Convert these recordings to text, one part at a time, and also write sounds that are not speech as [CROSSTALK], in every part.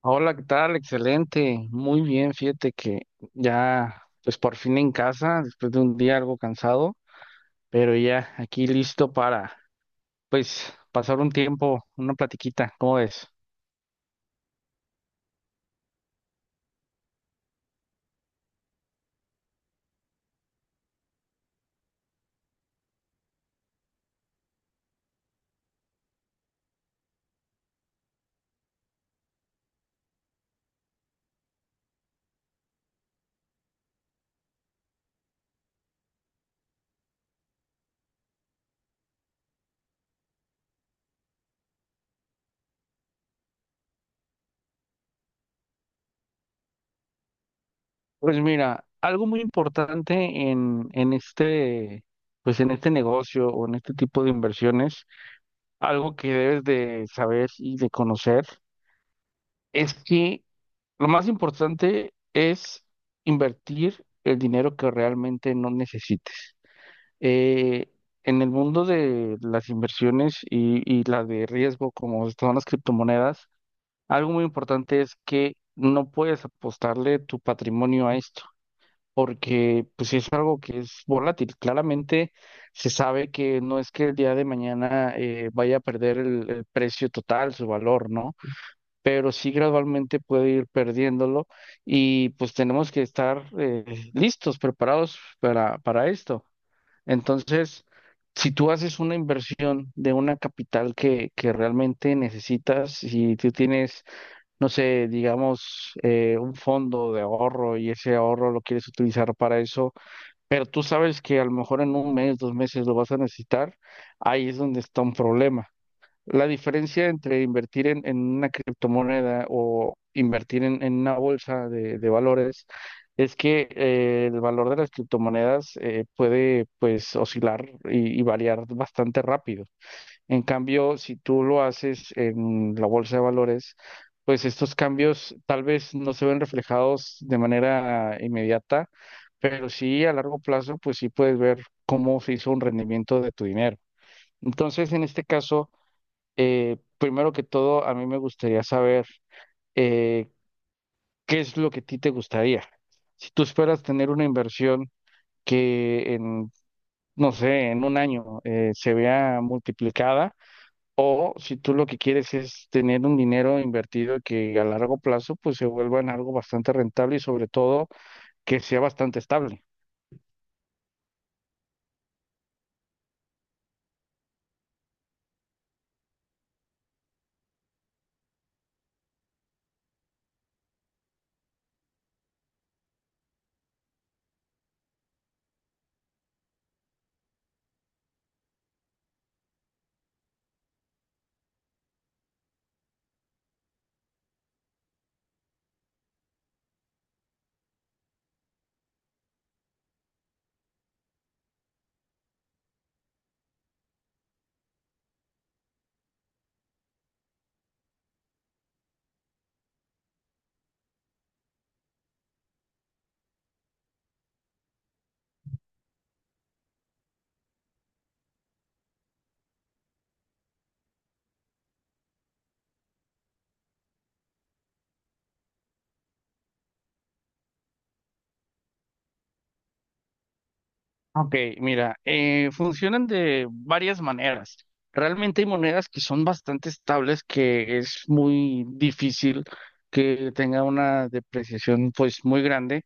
Hola, ¿qué tal? Excelente, muy bien, fíjate que ya, pues por fin en casa, después de un día algo cansado, pero ya aquí listo para, pues, pasar un tiempo, una platiquita, ¿cómo ves? Pues mira, algo muy importante en este, pues en este negocio o en este tipo de inversiones, algo que debes de saber y de conocer, es que lo más importante es invertir el dinero que realmente no necesites. Eh, en el mundo de las inversiones y las de riesgo, como son las criptomonedas, algo muy importante es que no puedes apostarle tu patrimonio a esto, porque pues es algo que es volátil. Claramente se sabe que no es que el día de mañana vaya a perder el precio total, su valor, ¿no? Pero sí gradualmente puede ir perdiéndolo y pues tenemos que estar listos, preparados para esto. Entonces, si tú haces una inversión de una capital que realmente necesitas, si tú tienes, no sé, digamos, un fondo de ahorro y ese ahorro lo quieres utilizar para eso, pero tú sabes que a lo mejor en un mes, dos meses lo vas a necesitar, ahí es donde está un problema. La diferencia entre invertir en una criptomoneda o invertir en una bolsa de valores es que el valor de las criptomonedas puede pues oscilar y variar bastante rápido. En cambio, si tú lo haces en la bolsa de valores, pues estos cambios tal vez no se ven reflejados de manera inmediata, pero sí a largo plazo, pues sí puedes ver cómo se hizo un rendimiento de tu dinero. Entonces, en este caso... primero que todo, a mí me gustaría saber eh, qué es lo que a ti te gustaría. Si tú esperas tener una inversión que en, no sé, en un año se vea multiplicada, o si tú lo que quieres es tener un dinero invertido que a largo plazo pues se vuelva en algo bastante rentable y sobre todo que sea bastante estable. Ok, mira, funcionan de varias maneras. Realmente hay monedas que son bastante estables, que es muy difícil que tenga una depreciación pues muy grande,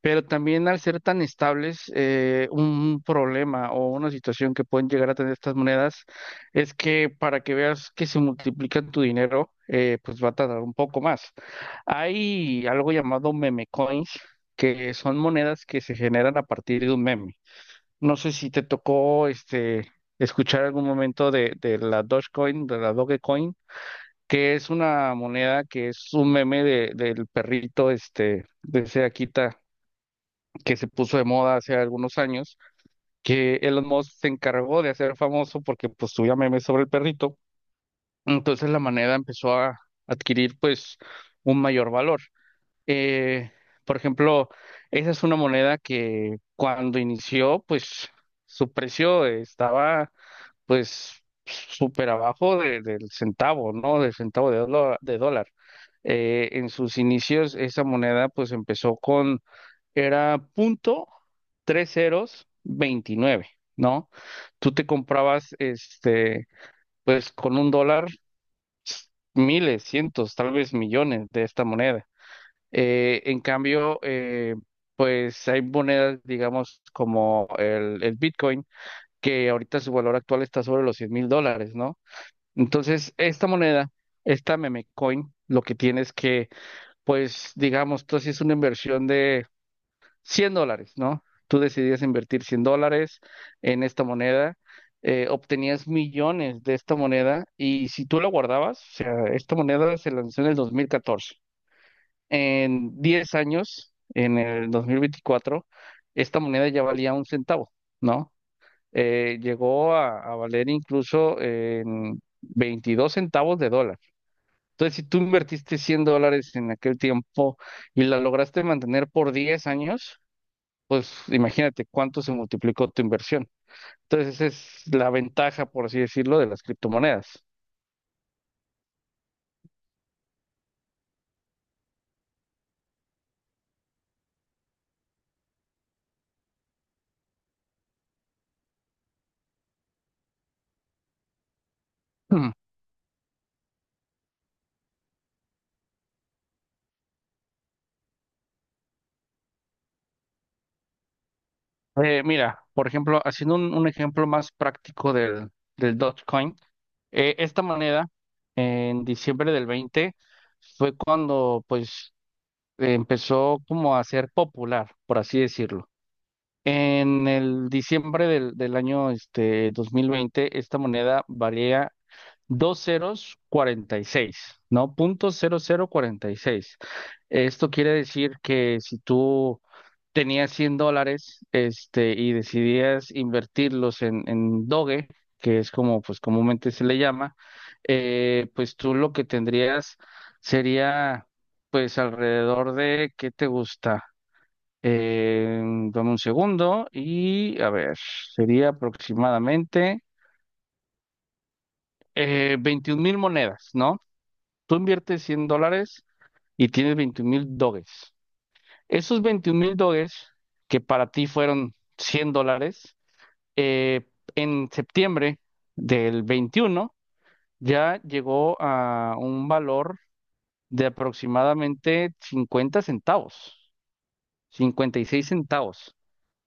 pero también al ser tan estables, un problema o una situación que pueden llegar a tener estas monedas es que para que veas que se multiplica tu dinero, pues va a tardar un poco más. Hay algo llamado meme coins, que son monedas que se generan a partir de un meme. No sé si te tocó este escuchar algún momento de la Dogecoin, de la Dogecoin, que es una moneda que es un meme de, del perrito este de ese Akita que se puso de moda hace algunos años, que Elon Musk se encargó de hacer famoso porque pues subía memes sobre el perrito. Entonces la moneda empezó a adquirir pues un mayor valor. Eh, por ejemplo, esa es una moneda que cuando inició pues su precio estaba pues súper abajo del centavo, ¿no? Del centavo de dólar, de dólar. En sus inicios esa moneda pues empezó con, era punto tres ceros veintinueve, ¿no? Tú te comprabas este, pues con un dólar miles, cientos, tal vez millones de esta moneda. Eh, en cambio, eh, pues hay monedas, digamos, como el Bitcoin, que ahorita su valor actual está sobre los $100,000, ¿no? Entonces, esta moneda, esta meme coin, lo que tienes que, pues, digamos, tú haces una inversión de $100, ¿no? Tú decidías invertir $100 en esta moneda, obtenías millones de esta moneda y si tú la guardabas, o sea, esta moneda se lanzó en el 2014. En 10 años, en el 2024, esta moneda ya valía un centavo, ¿no? Llegó a valer incluso en 22 centavos de dólar. Entonces, si tú invertiste $100 en aquel tiempo y la lograste mantener por 10 años, pues imagínate cuánto se multiplicó tu inversión. Entonces, esa es la ventaja, por así decirlo, de las criptomonedas. Hmm. Mira, por ejemplo, haciendo un ejemplo más práctico del, del Dogecoin, esta moneda en diciembre del 20 fue cuando pues empezó como a ser popular, por así decirlo. En el diciembre del año este, 2020, esta moneda valía dos ceros 46, ¿no? Punto cero cero cuarenta y seis. Esto quiere decir que si tú tenías 100 dólares, este, y decidías invertirlos en Doge, que es como pues comúnmente se le llama, pues tú lo que tendrías sería pues alrededor de, ¿qué te gusta? Eh, dame un segundo y a ver, sería aproximadamente 21 mil monedas, ¿no? Tú inviertes 100 dólares y tienes 21 mil doges. Esos 21 mil doges, que para ti fueron 100 dólares, eh, en septiembre del 21 ya llegó a un valor de aproximadamente 50 centavos, 56 centavos.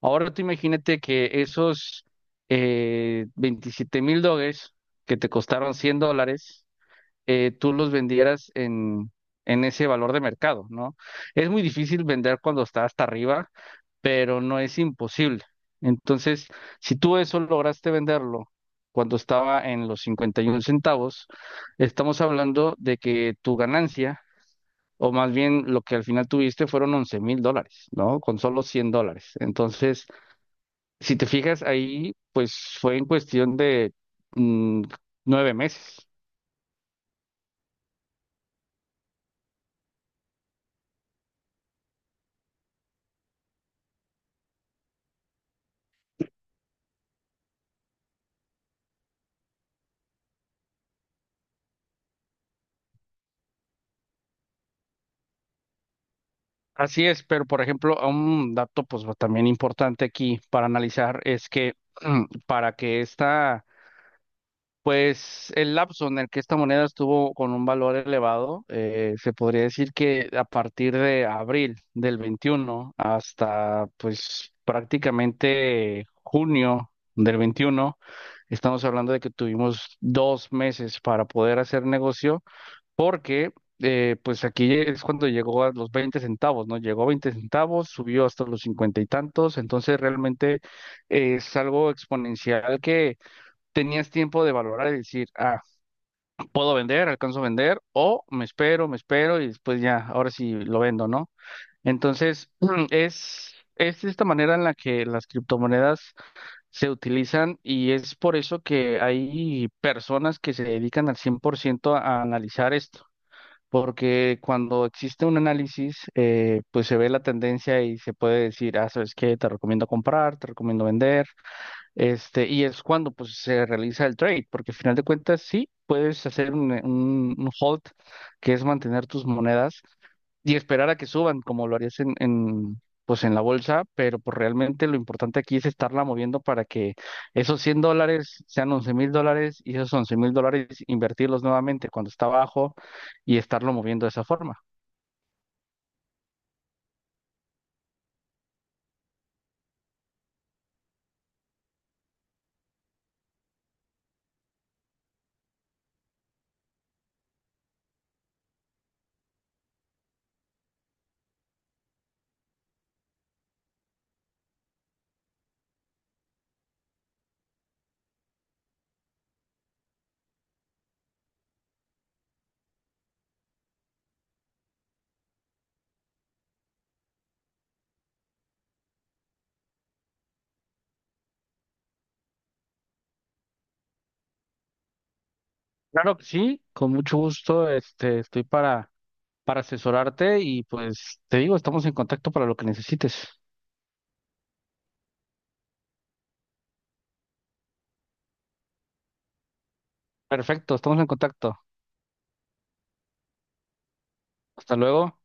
Ahora tú imagínate que esos 27 mil dólares que te costaron 100 dólares, tú los vendieras en ese valor de mercado, ¿no? Es muy difícil vender cuando está hasta arriba, pero no es imposible. Entonces, si tú eso lograste venderlo cuando estaba en los 51 centavos, estamos hablando de que tu ganancia, o más bien lo que al final tuviste, fueron 11 mil dólares, ¿no? Con solo 100 dólares. Entonces, si te fijas ahí, pues fue en cuestión de mm, nueve meses. Así es, pero por ejemplo, un dato pues también importante aquí para analizar es que [CLEARS THROAT] para que esta... Pues el lapso en el que esta moneda estuvo con un valor elevado, se podría decir que a partir de abril del 21 hasta pues prácticamente junio del 21, estamos hablando de que tuvimos dos meses para poder hacer negocio porque pues aquí es cuando llegó a los 20 centavos, ¿no? Llegó a 20 centavos, subió hasta los 50 y tantos, entonces realmente es algo exponencial que tenías tiempo de valorar y decir, ah, puedo vender, alcanzo a vender, o me espero y después ya, ahora sí lo vendo, ¿no? Entonces, [CLEARS THROAT] es esta manera en la que las criptomonedas se utilizan y es por eso que hay personas que se dedican al 100% a analizar esto porque cuando existe un análisis, pues se ve la tendencia y se puede decir, ah, ¿sabes qué? Te recomiendo comprar, te recomiendo vender. Este, y es cuando pues se realiza el trade, porque al final de cuentas sí puedes hacer un hold, que es mantener tus monedas, y esperar a que suban, como lo harías en, pues en la bolsa, pero pues realmente lo importante aquí es estarla moviendo para que esos $100 sean $11,000 y esos $11,000 invertirlos nuevamente cuando está abajo y estarlo moviendo de esa forma. Claro que sí, con mucho gusto, este, estoy para asesorarte y pues te digo, estamos en contacto para lo que necesites. Perfecto, estamos en contacto. Hasta luego.